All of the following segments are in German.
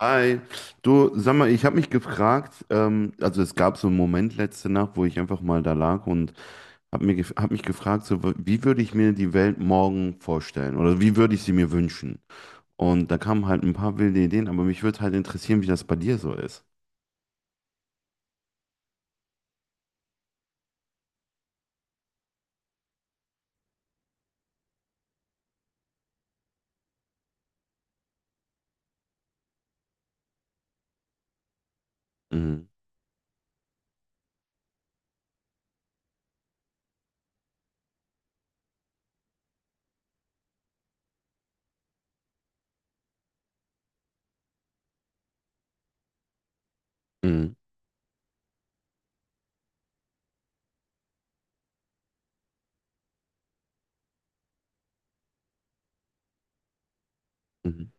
Hi, du, sag mal, ich habe mich gefragt, also es gab so einen Moment letzte Nacht, wo ich einfach mal da lag und hab mich gefragt, so, wie würde ich mir die Welt morgen vorstellen oder wie würde ich sie mir wünschen? Und da kamen halt ein paar wilde Ideen, aber mich würde halt interessieren, wie das bei dir so ist. Mhm. Mhm. Mhm.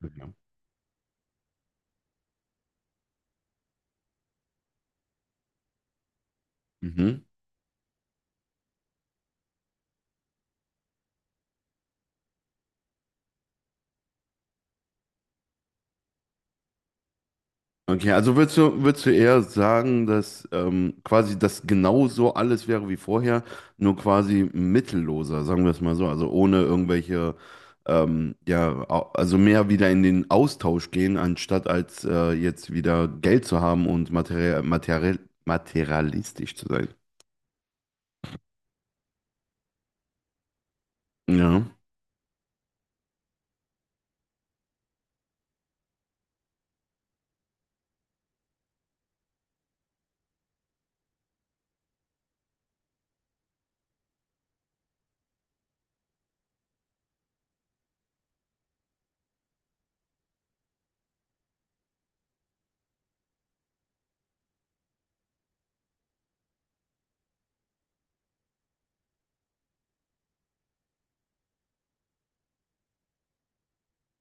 Ja. Mhm. Okay, also würdest du eher sagen, dass quasi das genauso alles wäre wie vorher, nur quasi mittelloser, sagen wir es mal so, also ohne irgendwelche, ja, also mehr wieder in den Austausch gehen, anstatt als jetzt wieder Geld zu haben und materie materie materialistisch zu sein. Ja,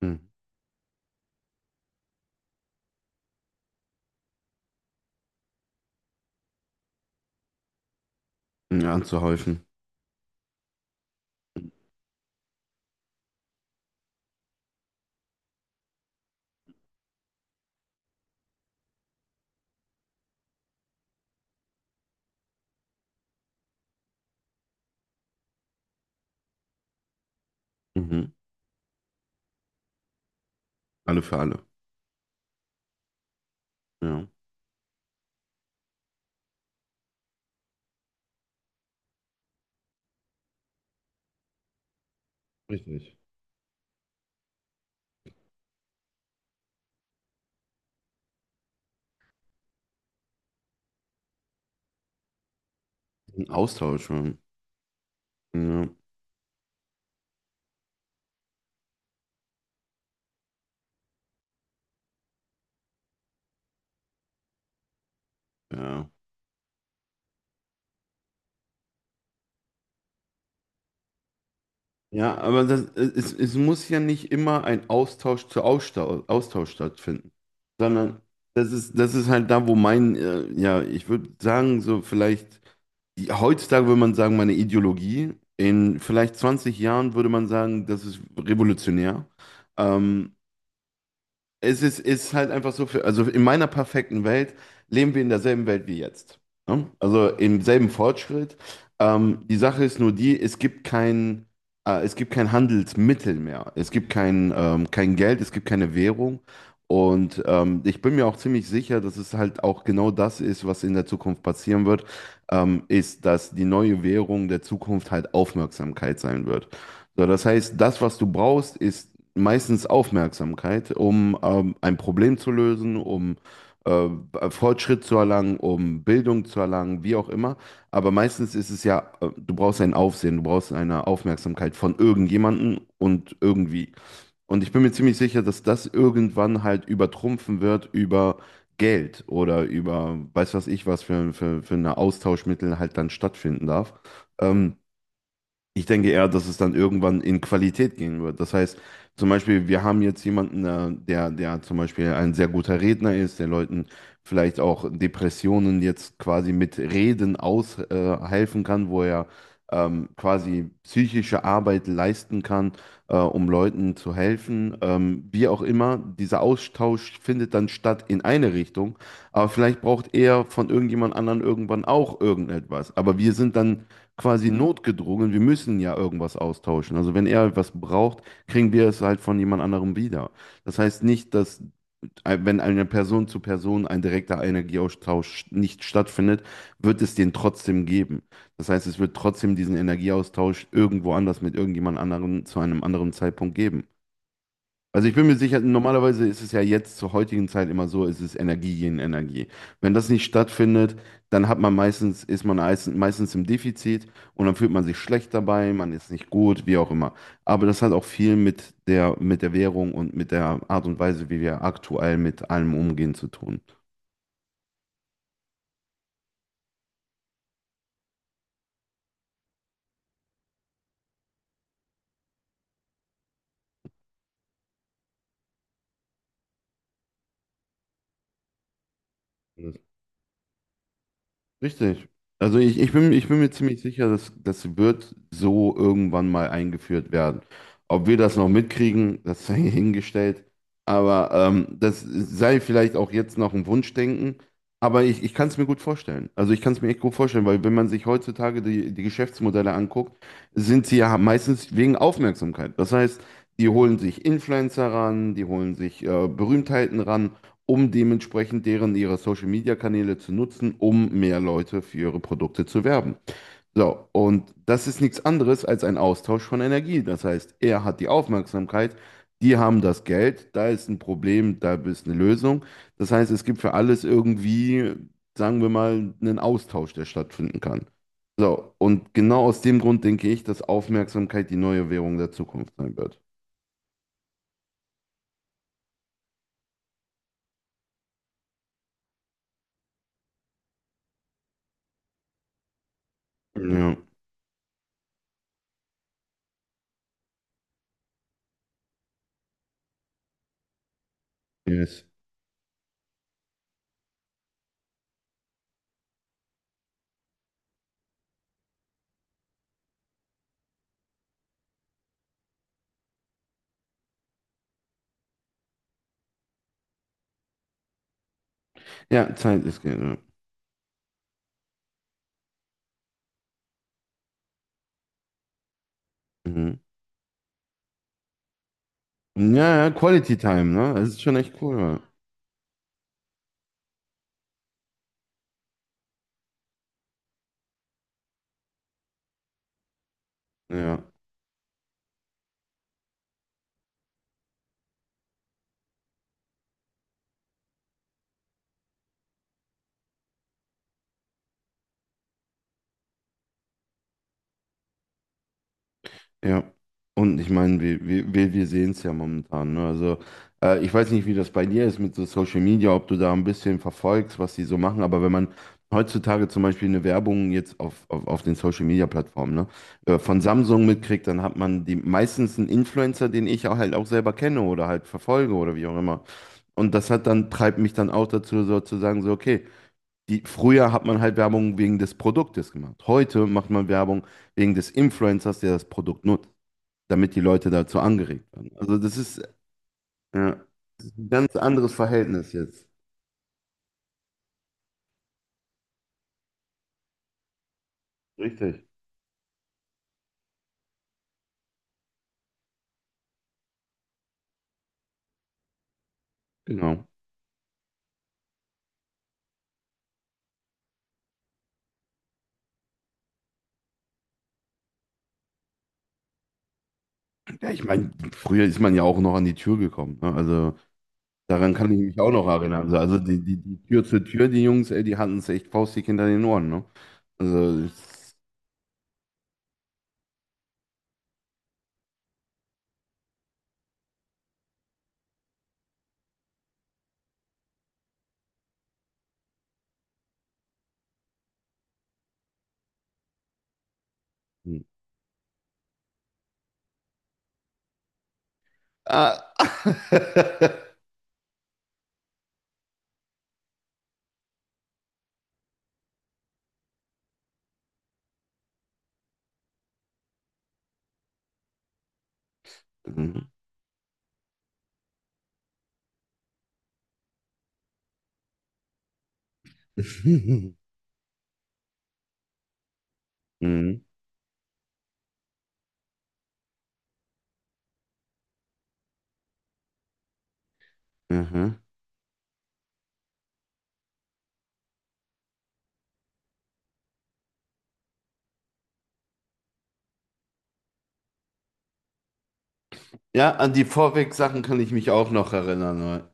hm. Ja, anzuhäufen. Mhm. Alle für alle. Ja. Richtig. Ein Austausch. Ja, ja. Ja, aber es muss ja nicht immer ein Austausch stattfinden, sondern das ist halt da, wo mein, ja, ich würde sagen, so vielleicht, heutzutage würde man sagen, meine Ideologie, in vielleicht 20 Jahren würde man sagen, das ist revolutionär. Ähm, ist halt einfach so, für, also in meiner perfekten Welt leben wir in derselben Welt wie jetzt. Ne? Also im selben Fortschritt. Die Sache ist nur die, es gibt kein Handelsmittel mehr. Es gibt kein, kein Geld, es gibt keine Währung. Und ich bin mir auch ziemlich sicher, dass es halt auch genau das ist, was in der Zukunft passieren wird, ist, dass die neue Währung der Zukunft halt Aufmerksamkeit sein wird. So, das heißt, das, was du brauchst, ist meistens Aufmerksamkeit, um ein Problem zu lösen, um äh, Fortschritt zu erlangen, um Bildung zu erlangen, wie auch immer. Aber meistens ist es ja, du brauchst ein Aufsehen, du brauchst eine Aufmerksamkeit von irgendjemandem und irgendwie. Und ich bin mir ziemlich sicher, dass das irgendwann halt übertrumpfen wird über Geld oder über, weiß was ich, was für ein Austauschmittel halt dann stattfinden darf. Ähm, ich denke eher, dass es dann irgendwann in Qualität gehen wird. Das heißt, zum Beispiel, wir haben jetzt jemanden, der zum Beispiel ein sehr guter Redner ist, der Leuten vielleicht auch Depressionen jetzt quasi mit Reden aushelfen helfen kann, wo er quasi psychische Arbeit leisten kann, um Leuten zu helfen. Wie auch immer, dieser Austausch findet dann statt in eine Richtung, aber vielleicht braucht er von irgendjemand anderen irgendwann auch irgendetwas. Aber wir sind dann quasi notgedrungen, wir müssen ja irgendwas austauschen. Also wenn er was braucht, kriegen wir es halt von jemand anderem wieder. Das heißt nicht, dass wenn eine Person zu Person ein direkter Energieaustausch nicht stattfindet, wird es den trotzdem geben. Das heißt, es wird trotzdem diesen Energieaustausch irgendwo anders mit irgendjemand anderen zu einem anderen Zeitpunkt geben. Also ich bin mir sicher, normalerweise ist es ja jetzt zur heutigen Zeit immer so, es ist Energie gegen Energie. Wenn das nicht stattfindet, dann hat man meistens, meistens im Defizit und dann fühlt man sich schlecht dabei, man ist nicht gut, wie auch immer. Aber das hat auch viel mit der Währung und mit der Art und Weise, wie wir aktuell mit allem umgehen, zu tun. Richtig. Also ich bin mir ziemlich sicher, dass das wird so irgendwann mal eingeführt werden. Ob wir das noch mitkriegen, das sei hingestellt. Aber das sei vielleicht auch jetzt noch ein Wunschdenken. Aber ich kann es mir gut vorstellen. Also ich kann es mir echt gut vorstellen, weil wenn man sich heutzutage die Geschäftsmodelle anguckt, sind sie ja meistens wegen Aufmerksamkeit. Das heißt, die holen sich Influencer ran, die holen sich Berühmtheiten ran, um dementsprechend deren ihre Social Media Kanäle zu nutzen, um mehr Leute für ihre Produkte zu werben. So, und das ist nichts anderes als ein Austausch von Energie. Das heißt, er hat die Aufmerksamkeit, die haben das Geld, da ist ein Problem, da ist eine Lösung. Das heißt, es gibt für alles irgendwie, sagen wir mal, einen Austausch, der stattfinden kann. So, und genau aus dem Grund denke ich, dass Aufmerksamkeit die neue Währung der Zukunft sein wird. Mhm. Ja, yes. Ja, Zeit ist Geld. Ja. Mhm. Ja, ja, Quality Time, ne? Das ist schon echt cool. Ja, ja. Ja. Und ich meine, wir sehen es ja momentan, ne? Also, ich weiß nicht, wie das bei dir ist mit so Social Media, ob du da ein bisschen verfolgst, was die so machen, aber wenn man heutzutage zum Beispiel eine Werbung jetzt auf den Social Media Plattformen, ne, von Samsung mitkriegt, dann hat man die meistens einen Influencer, den ich auch halt auch selber kenne oder halt verfolge oder wie auch immer. Und das hat dann, treibt mich dann auch dazu, sozusagen, so, okay. Die, früher hat man halt Werbung wegen des Produktes gemacht. Heute macht man Werbung wegen des Influencers, der das Produkt nutzt, damit die Leute dazu angeregt werden. Also das ist, ja, das ist ein ganz anderes Verhältnis jetzt. Richtig. Genau. Ja, ich meine, früher ist man ja auch noch an die Tür gekommen. Ne? Also daran kann ich mich auch noch erinnern. Also die Tür zur Tür, die Jungs, ey, die hatten es echt faustdick hinter den Ohren. Ne? Also, es- ah. Mhm. Mhm. Mhm. Ja, an die Vorweg-Sachen kann ich mich auch noch erinnern.